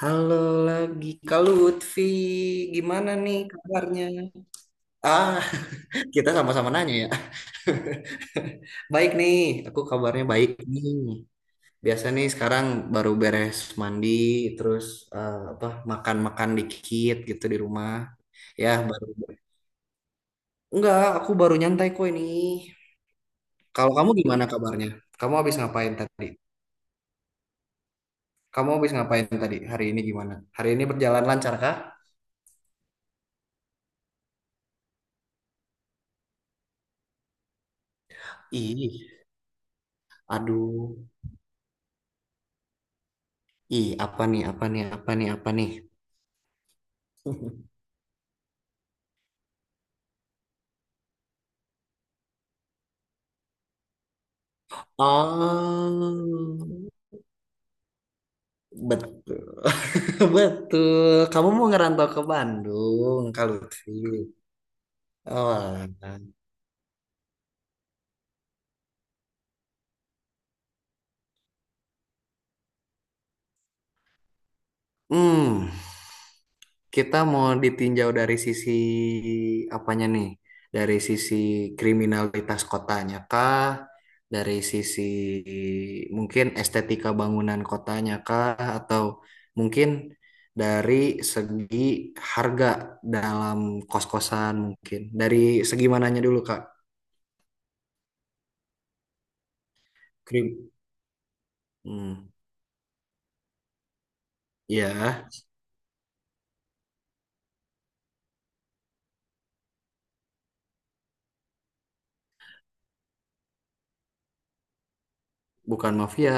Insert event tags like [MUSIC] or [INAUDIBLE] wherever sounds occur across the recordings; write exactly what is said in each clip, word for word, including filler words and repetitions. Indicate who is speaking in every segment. Speaker 1: Halo lagi Kak Lutfi, gimana nih kabarnya? Ah, [LAUGHS] kita sama-sama nanya ya. [LAUGHS] Baik nih, aku kabarnya baik nih. Biasa nih sekarang baru beres mandi, terus eh, apa makan-makan dikit gitu di rumah. Ya baru. Enggak, aku baru nyantai kok ini. Kalau kamu gimana kabarnya? Kamu habis ngapain tadi? Kamu habis ngapain tadi? Hari ini gimana? Hari ini berjalan lancar kah? Ih, aduh. Ih, apa nih, apa nih, apa nih, apa nih? [LAUGHS] Oh, betul. [LAUGHS] Betul. Kamu mau ngerantau ke Bandung, kalau Lutfi. Oh, alah. Hmm. Kita mau ditinjau dari sisi apanya nih? Dari sisi kriminalitas kotanya kah? Dari sisi mungkin estetika bangunan kotanya kah? Atau mungkin dari segi harga dalam kos-kosan mungkin. Dari segi mananya dulu, Kak? Krim. Hmm. Ya, bukan mafia.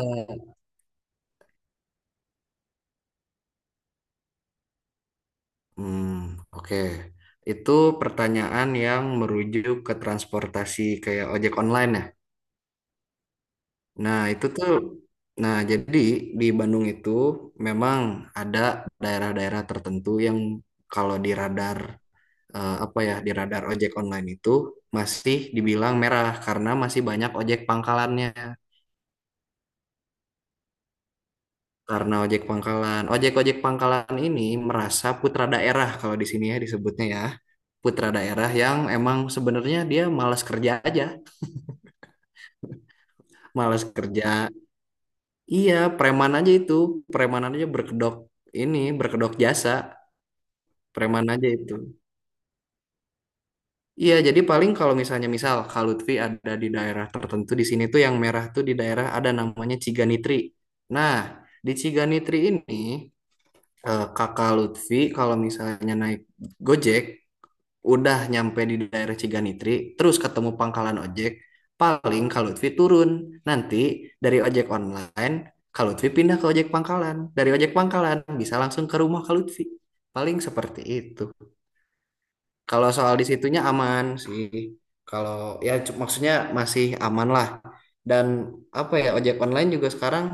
Speaker 1: Hmm, oke. Itu pertanyaan yang merujuk ke transportasi kayak ojek online ya? Nah, itu tuh, nah jadi di Bandung itu memang ada daerah-daerah tertentu yang kalau di radar eh, apa ya di radar ojek online itu masih dibilang merah karena masih banyak ojek pangkalannya. Karena ojek pangkalan, ojek-ojek pangkalan ini merasa putra daerah kalau di sini ya disebutnya ya. Putra daerah yang emang sebenarnya dia malas kerja aja, malas kerja. Iya, preman aja itu, preman aja berkedok ini berkedok jasa preman aja itu. Iya, jadi paling kalau misalnya misal Kak Lutfi ada di daerah tertentu di sini tuh yang merah tuh di daerah ada namanya Ciganitri. Nah, di Ciganitri ini eh, Kakak Lutfi kalau misalnya naik Gojek udah nyampe di daerah Ciganitri, terus ketemu pangkalan ojek, paling Kak Lutfi turun. Nanti dari ojek online Kak Lutfi pindah ke ojek pangkalan. Dari ojek pangkalan bisa langsung ke rumah Kak Lutfi. Paling seperti itu. Kalau soal disitunya aman sih. Kalau ya cu- maksudnya masih aman lah. Dan apa ya ojek online juga sekarang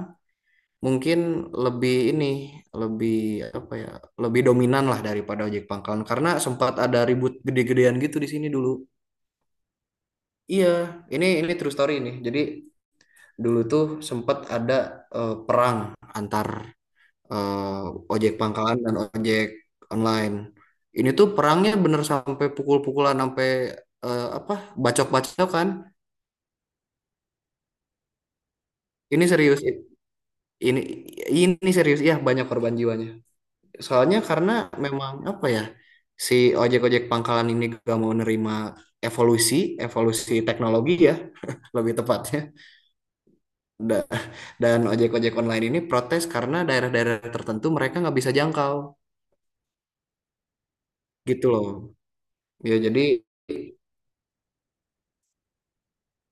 Speaker 1: mungkin lebih ini lebih apa ya lebih dominan lah daripada ojek pangkalan karena sempat ada ribut gede-gedean gitu di sini dulu. Iya, ini ini true story ini. Jadi dulu tuh sempat ada eh, perang antar eh, ojek pangkalan dan ojek online. Ini tuh perangnya bener sampai pukul-pukulan sampai eh, apa bacok-bacok kan. Ini serius ini ini serius ya banyak korban jiwanya. Soalnya karena memang apa ya si ojek-ojek pangkalan ini gak mau nerima evolusi evolusi teknologi ya lebih tepatnya. Da- Dan ojek-ojek online ini protes karena daerah-daerah tertentu mereka nggak bisa jangkau gitu loh. Ya jadi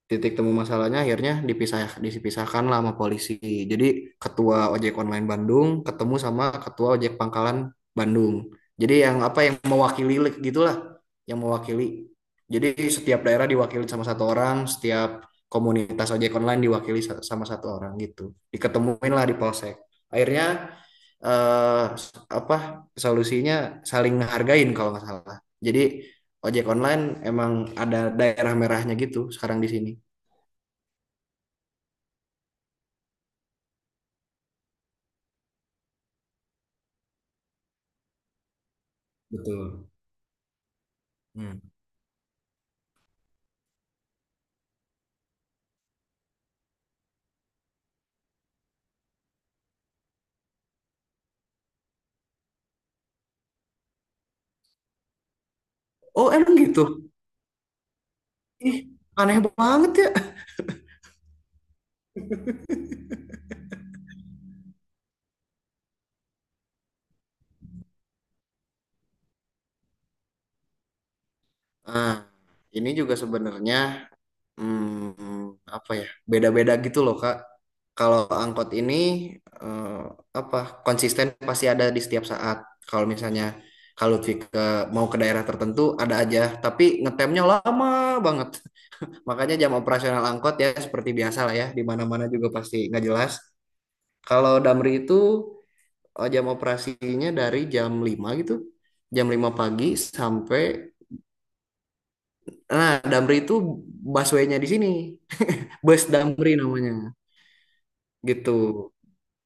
Speaker 1: titik temu masalahnya akhirnya dipisah dipisahkan lah sama polisi. Jadi ketua ojek online Bandung ketemu sama ketua ojek pangkalan Bandung. Jadi yang apa yang mewakili gitulah, yang mewakili. Jadi setiap daerah diwakili sama satu orang, setiap komunitas ojek online diwakili sama satu orang gitu. Diketemuin lah di polsek. Akhirnya eh, apa solusinya saling ngehargain kalau nggak salah. Jadi ojek online emang ada daerah merahnya gitu sekarang di sini. Betul. Hmm. Oh, emang gitu? Ih, aneh banget ya. Nah, ini juga sebenarnya hmm, apa ya? Beda-beda gitu loh, Kak. Kalau angkot ini eh, apa? konsisten pasti ada di setiap saat. Kalau misalnya kalau Lutfi ke- mau ke daerah tertentu ada aja, tapi ngetemnya lama banget. [LAUGHS] Makanya jam operasional angkot ya seperti biasa lah ya, di mana-mana juga pasti nggak jelas. Kalau Damri itu oh, jam operasinya dari jam lima gitu. Jam lima pagi sampai. Nah, Damri itu busway-nya di sini. Bus Damri namanya. Gitu.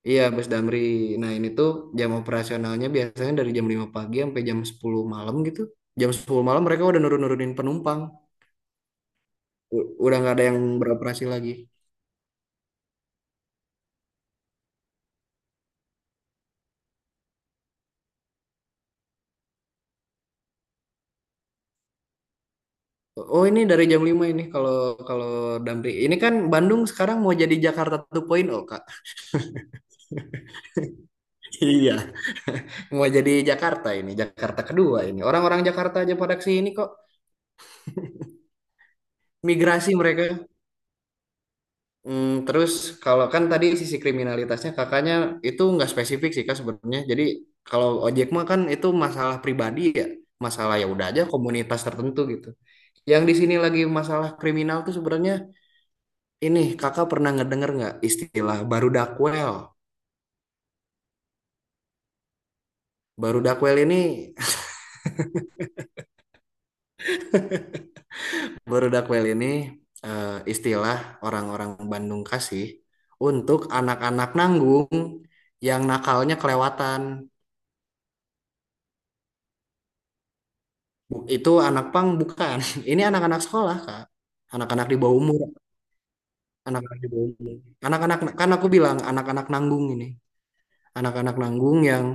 Speaker 1: Iya, bus Damri. Nah, ini tuh jam operasionalnya biasanya dari jam lima pagi sampai jam sepuluh malam gitu. Jam sepuluh malam mereka udah nurun-nurunin penumpang. U- Udah nggak ada yang beroperasi lagi. Oh, ini dari jam lima ini kalau kalau Damri. Ini kan Bandung sekarang mau jadi Jakarta dua point o, Kak. Iya, [LAUGHS] mau jadi Jakarta ini, Jakarta kedua ini. Orang-orang Jakarta aja pada kesini kok, migrasi mereka. Hmm, terus kalau kan tadi sisi kriminalitasnya kakaknya itu nggak spesifik sih kak sebenarnya. Jadi kalau ojek mah kan itu masalah pribadi ya, masalah ya udah aja komunitas tertentu gitu. Yang di sini lagi masalah kriminal tuh sebenarnya ini kakak pernah ngedenger nggak istilah baru dakwel? Baru dakwel ini [LAUGHS] berudakwel ini eh, istilah orang-orang Bandung kasih untuk anak-anak nanggung yang nakalnya kelewatan. Itu anak pang bukan. [LAUGHS] Ini anak-anak sekolah, Kak. Anak-anak di bawah umur, anak-anak di bawah umur. Anak-anak kan aku bilang anak-anak nanggung ini. Anak-anak nanggung yang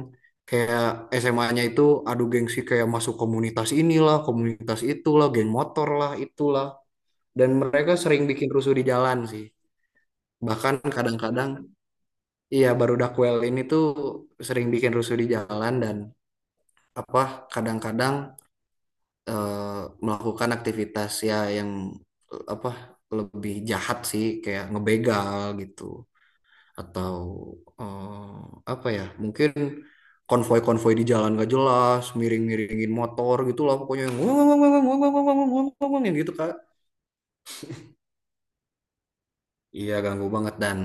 Speaker 1: kayak S M A-nya itu adu gengsi kayak masuk komunitas inilah, komunitas itulah, geng motor lah, itulah. Dan mereka sering bikin rusuh di jalan sih. Bahkan kadang-kadang, iya, baru Dakwel ini tuh sering bikin rusuh di jalan dan apa kadang-kadang eh, melakukan aktivitas ya yang eh, apa lebih jahat sih kayak ngebegal gitu atau eh, apa ya mungkin konvoi-konvoi di jalan gak jelas miring-miringin motor gitu lah pokoknya yang wong, wong, wong, wong, wong, wong, wong, wong, wong, yang gitu Kak. Iya ganggu banget dan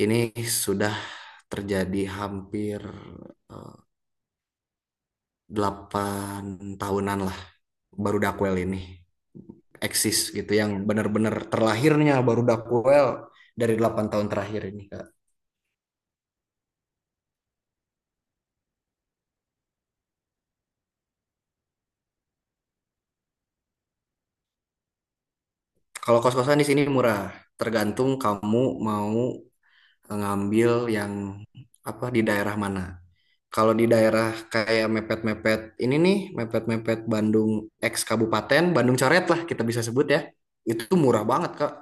Speaker 1: ini sudah terjadi hampir eh, delapan tahunan lah, baru Dakwel ini eksis gitu yang benar-benar terlahirnya baru Dakwel dari delapan tahun terakhir ini Kak. Kalau kos-kosan di sini murah, tergantung kamu mau ngambil yang apa di daerah mana. Kalau di daerah kayak mepet-mepet ini nih, mepet-mepet Bandung X kabupaten, Bandung coret lah kita bisa sebut ya. Itu murah banget, Kak.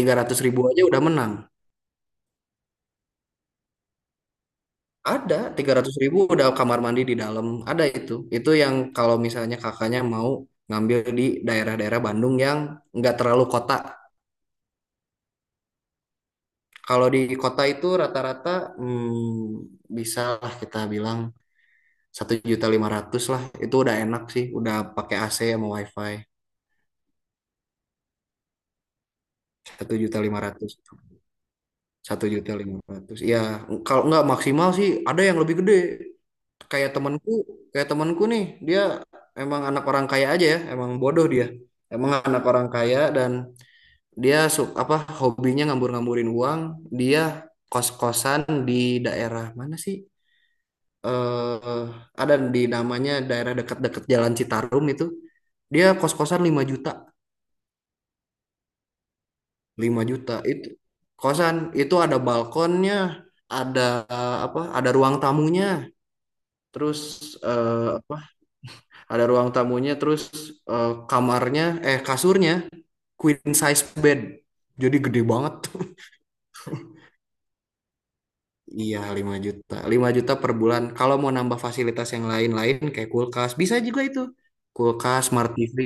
Speaker 1: Tiga ratus ribu aja udah menang. Ada tiga ratus ribu udah kamar mandi di dalam. Ada itu. Itu yang kalau misalnya kakaknya mau ngambil di daerah-daerah Bandung yang nggak terlalu kota. Kalau di kota itu rata-rata hmm, bisa lah kita bilang satu juta lima ratus lah. Itu udah enak sih. Udah pakai A C sama WiFi. Satu juta lima ratus. Satu juta lima ratus. Ya, kalau nggak maksimal sih ada yang lebih gede. Kayak temanku, kayak temanku nih, dia emang anak orang kaya aja ya, emang bodoh dia. Emang anak orang kaya dan dia sub apa hobinya ngambur-ngamburin uang. Dia kos-kosan di daerah mana sih? Eh, ada di namanya daerah dekat-dekat Jalan Citarum itu. Dia kos-kosan lima juta. Lima juta itu kosan itu ada balkonnya, ada eh, apa? ada ruang tamunya, terus eh, apa? ada ruang tamunya, terus eh, kamarnya eh kasurnya queen size bed. Jadi gede banget tuh. [LAUGHS] Iya, lima juta. Lima juta per bulan. Kalau mau nambah fasilitas yang lain-lain kayak kulkas, bisa juga itu. Kulkas, smart T V.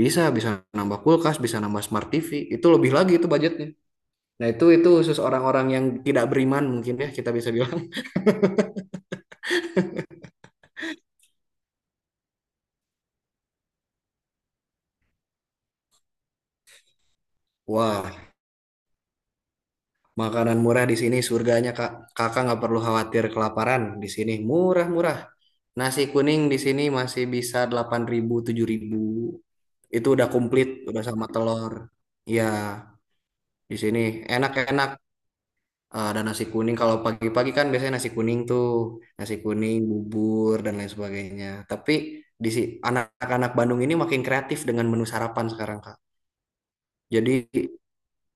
Speaker 1: Bisa, bisa nambah kulkas, bisa nambah smart T V. Itu lebih lagi itu budgetnya. Nah, itu itu khusus orang-orang yang tidak beriman mungkin ya kita bisa bilang. [LAUGHS] Wah, makanan murah di sini surganya Kak. Kakak nggak perlu khawatir kelaparan di sini murah-murah. Nasi kuning di sini masih bisa delapan ribu tujuh ribu. Itu udah komplit, udah sama telur. Ya, di sini enak-enak. Ah, ada nasi kuning kalau pagi-pagi kan biasanya nasi kuning tuh, nasi kuning, bubur dan lain sebagainya. Tapi di si anak-anak Bandung ini makin kreatif dengan menu sarapan sekarang, Kak. Jadi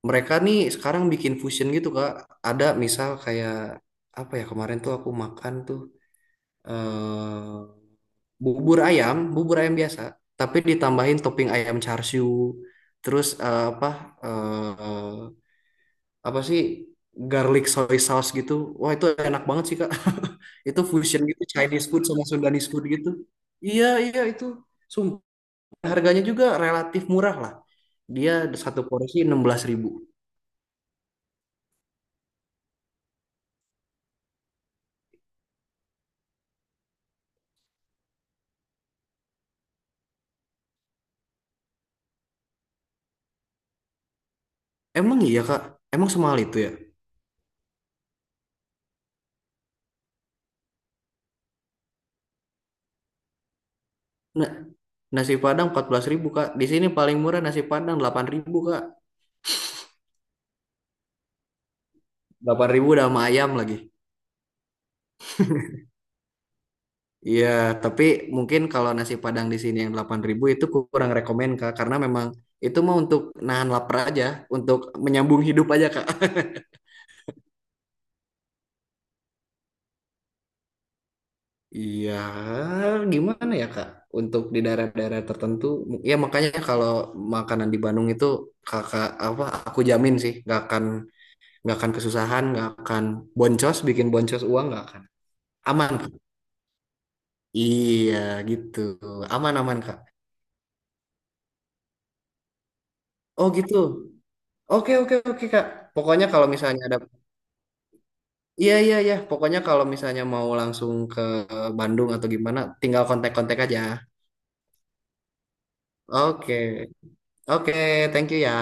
Speaker 1: mereka nih sekarang bikin fusion gitu Kak. Ada misal kayak apa ya kemarin tuh aku makan tuh eh bubur ayam, bubur ayam biasa, tapi ditambahin topping ayam char siu, terus eh, apa eh apa sih garlic soy sauce gitu. Wah, itu enak banget sih Kak. [LAUGHS] Itu fusion gitu Chinese food sama Sundanese food gitu. Iya, iya itu. Sumpah harganya juga relatif murah lah. Dia satu porsi enam belas ribu. Emang iya Kak? Emang semahal itu ya? Nah, nasi Padang empat belas ribu Kak. Di sini paling murah nasi Padang delapan ribu Kak. Delapan ribu udah sama ayam lagi. Iya, tapi mungkin kalau nasi Padang di sini yang delapan ribu itu kurang rekomen Kak karena memang itu mah untuk nahan lapar aja, untuk menyambung hidup aja Kak. [LAUGHS] Iya, gimana ya Kak? Untuk di daerah-daerah tertentu, ya makanya kalau makanan di Bandung itu kakak apa? Aku jamin sih, nggak akan nggak akan kesusahan, nggak akan boncos, bikin boncos uang nggak akan, aman Kak. Iya gitu, aman, aman kak. Oh gitu, oke, oke, oke kak, pokoknya kalau misalnya ada, iya, iya, iya, pokoknya kalau misalnya mau langsung ke Bandung atau gimana tinggal kontak-kontak aja. Oke, oke, thank you ya.